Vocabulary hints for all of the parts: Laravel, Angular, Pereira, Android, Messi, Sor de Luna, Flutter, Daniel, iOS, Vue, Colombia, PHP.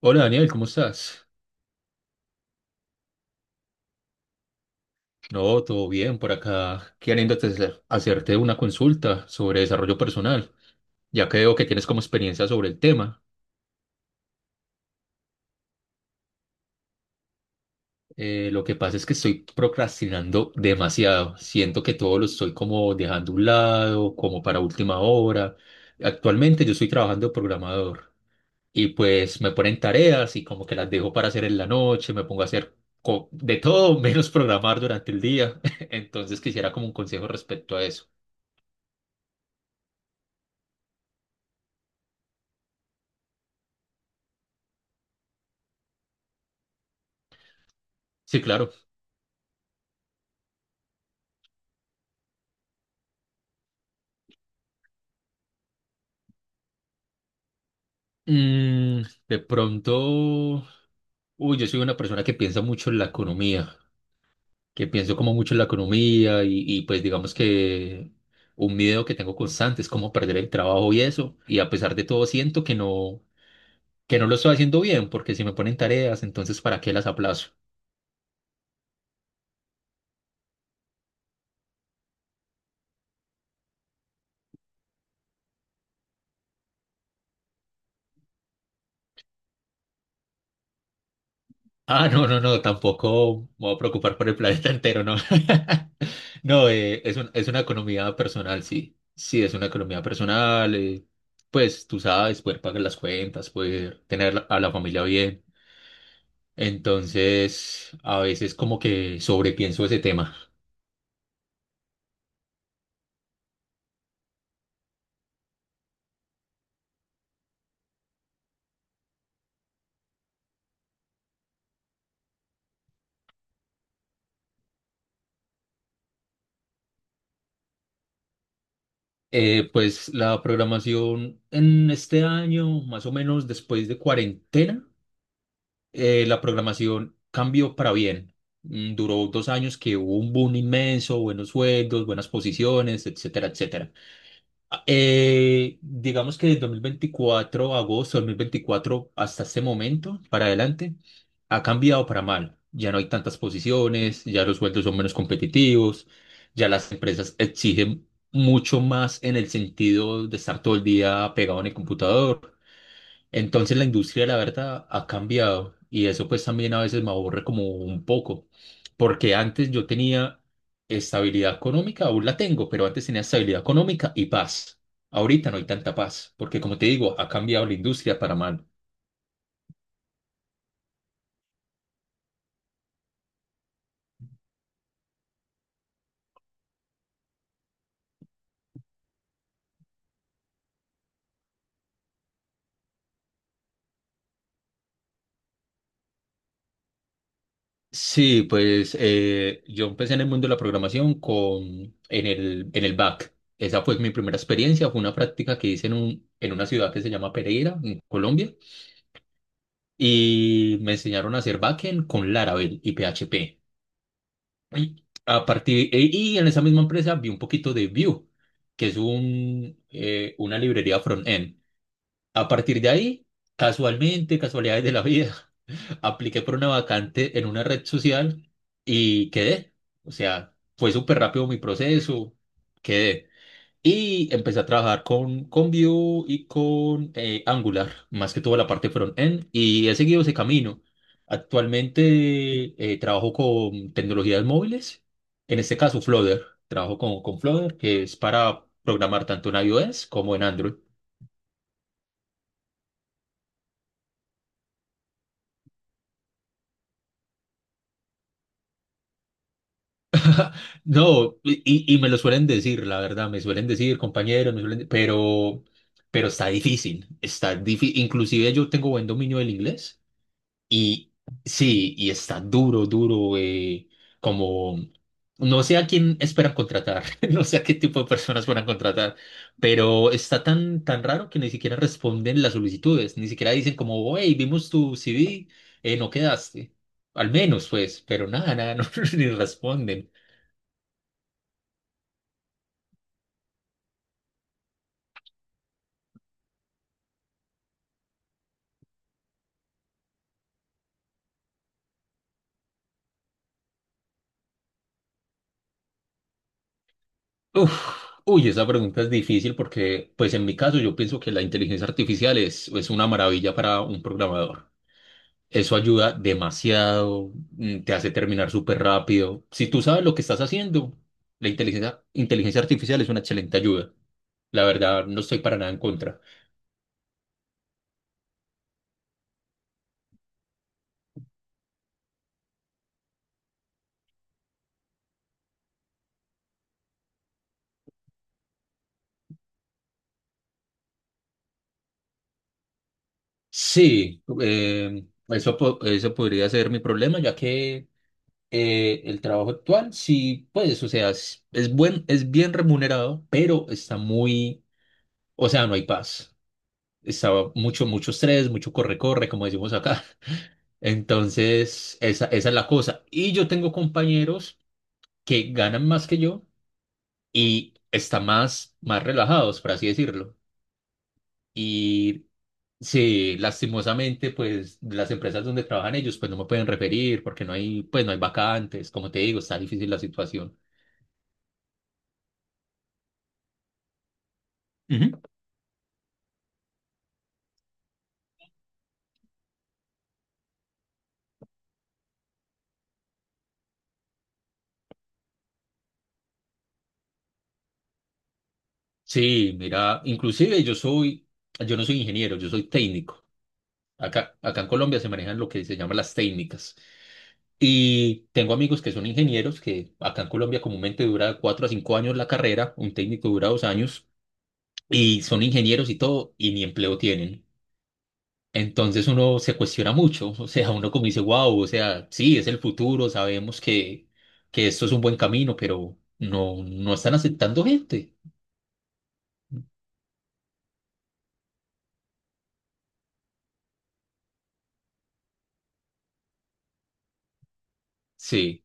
Hola Daniel, ¿cómo estás? No, todo bien por acá, queriendo hacerte una consulta sobre desarrollo personal, ya que veo que tienes como experiencia sobre el tema. Lo que pasa es que estoy procrastinando demasiado, siento que todo lo estoy como dejando a un lado, como para última hora. Actualmente yo estoy trabajando de programador y pues me ponen tareas y como que las dejo para hacer en la noche, me pongo a hacer de todo menos programar durante el día, entonces quisiera como un consejo respecto a eso. Sí, claro. Mm, de pronto, uy, yo soy una persona que piensa mucho en la economía, que pienso como mucho en la economía y pues digamos que un miedo que tengo constante es cómo perder el trabajo y eso. Y a pesar de todo siento que no lo estoy haciendo bien porque si me ponen tareas, entonces ¿para qué las aplazo? Ah, no, no, no, tampoco me voy a preocupar por el planeta entero, no. No, es es una economía personal, sí. Sí, es una economía personal. Pues tú sabes, poder pagar las cuentas, poder tener a la familia bien. Entonces, a veces como que sobrepienso ese tema. Pues la programación en este año, más o menos después de cuarentena. La programación cambió para bien. Mm, duró dos años que hubo un boom inmenso, buenos sueldos, buenas posiciones, etcétera, etcétera. Digamos que de 2024, agosto de 2024 hasta este momento, para adelante, ha cambiado para mal. Ya no hay tantas posiciones, ya los sueldos son menos competitivos, ya las empresas exigen mucho más en el sentido de estar todo el día pegado en el computador. Entonces la industria, de la verdad, ha cambiado y eso pues también a veces me aburre como un poco, porque antes yo tenía estabilidad económica, aún la tengo, pero antes tenía estabilidad económica y paz. Ahorita no hay tanta paz, porque como te digo, ha cambiado la industria para mal. Sí, pues yo empecé en el mundo de la programación en en el back. Esa fue mi primera experiencia, fue una práctica que hice en una ciudad que se llama Pereira, en Colombia. Y me enseñaron a hacer backend con Laravel y PHP. Y a partir, y en esa misma empresa vi un poquito de Vue, que es una librería front-end. A partir de ahí, casualmente, casualidades de la vida, apliqué por una vacante en una red social y quedé. O sea, fue súper rápido mi proceso, quedé. Y empecé a trabajar con Vue y con Angular, más que toda la parte front-end, y he seguido ese camino. Actualmente trabajo con tecnologías móviles, en este caso Flutter. Trabajo con Flutter, que es para programar tanto en iOS como en Android. No, y me lo suelen decir, la verdad, me suelen decir compañeros, me suelen, pero está difícil, está difícil. Inclusive yo tengo buen dominio del inglés y sí, y está duro, duro, como no sé a quién esperan contratar, no sé a qué tipo de personas van a contratar, pero está tan, tan raro que ni siquiera responden las solicitudes, ni siquiera dicen como, hey, vimos tu CV, no quedaste. Al menos, pues, pero nada, nada, no, ni responden. Uf, uy, esa pregunta es difícil porque, pues en mi caso, yo pienso que la inteligencia artificial es una maravilla para un programador. Eso ayuda demasiado, mm, te hace terminar súper rápido. Si tú sabes lo que estás haciendo, la inteligencia artificial es una excelente ayuda. La verdad, no estoy para nada en contra. Sí, eso, eso podría ser mi problema, ya que el trabajo actual, sí, pues, o sea, es buen, es bien remunerado, pero está muy, o sea, no hay paz. Está mucho, mucho estrés, mucho corre-corre, como decimos acá. Entonces, esa es la cosa. Y yo tengo compañeros que ganan más que yo y están más, más relajados, por así decirlo. Y sí, lastimosamente, pues las empresas donde trabajan ellos, pues no me pueden referir porque no hay, pues no hay vacantes. Como te digo, está difícil la situación. Ujú. Sí, mira, inclusive yo soy, yo no soy ingeniero, yo soy técnico. Acá en Colombia se manejan lo que se llama las técnicas. Y tengo amigos que son ingenieros, que acá en Colombia comúnmente dura cuatro a cinco años la carrera, un técnico dura dos años, y son ingenieros y todo, y ni empleo tienen. Entonces uno se cuestiona mucho, o sea, uno como dice, wow, o sea, sí, es el futuro, sabemos que esto es un buen camino, pero no, no están aceptando gente. Sí,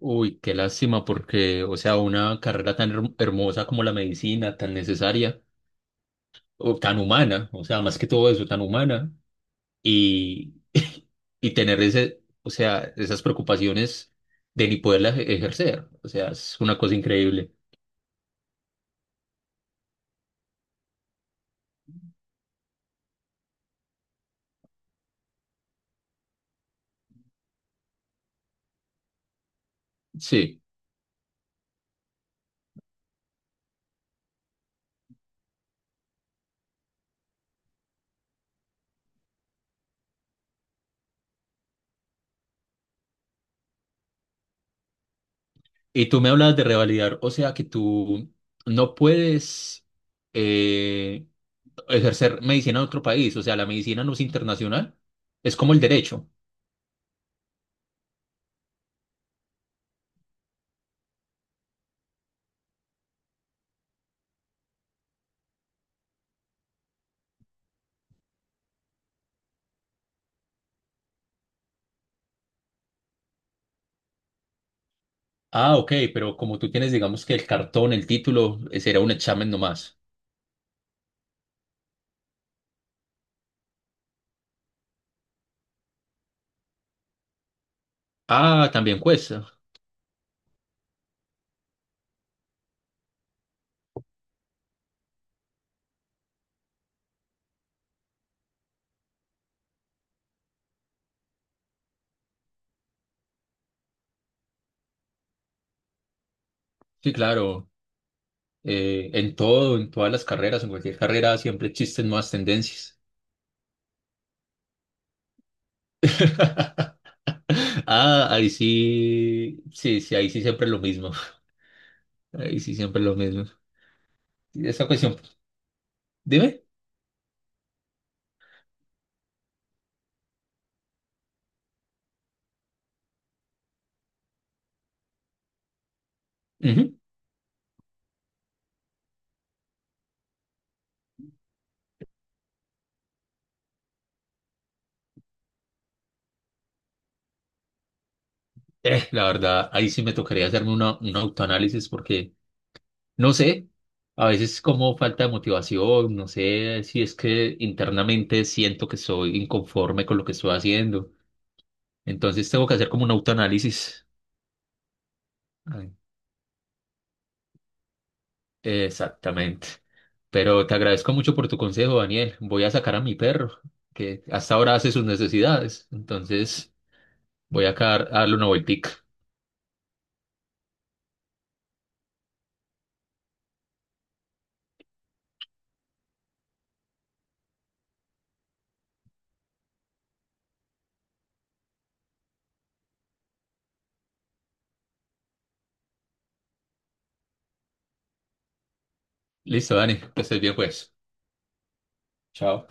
uy, qué lástima, porque, o sea, una carrera tan hermosa como la medicina, tan necesaria, o tan humana, o sea, más que todo eso, tan humana y, y tener ese, o sea, esas preocupaciones de ni poderlas ejercer. O sea, es una cosa increíble. Sí. Y tú me hablas de revalidar, o sea, que tú no puedes eh, ejercer medicina en otro país. O sea, la medicina no es internacional, es como el derecho. Ah, ok, pero como tú tienes, digamos que el cartón, el título, será un examen nomás. Ah, también cuesta. Sí, claro. En todo, en todas las carreras, en cualquier carrera siempre existen nuevas tendencias. Ah, ahí sí, sí, sí, ahí sí siempre lo mismo. Ahí sí siempre lo mismo. Y esa cuestión, dime. Ujú. La verdad, ahí sí me tocaría hacerme un autoanálisis porque no sé, a veces como falta de motivación, no sé si es que internamente siento que soy inconforme con lo que estoy haciendo. Entonces tengo que hacer como un autoanálisis. Ay. Exactamente. Pero te agradezco mucho por tu consejo, Daniel. Voy a sacar a mi perro, que hasta ahora hace sus necesidades. Entonces, voy acá a darle una vueltica. Listo, Dani, que estés bien, pues. Chao.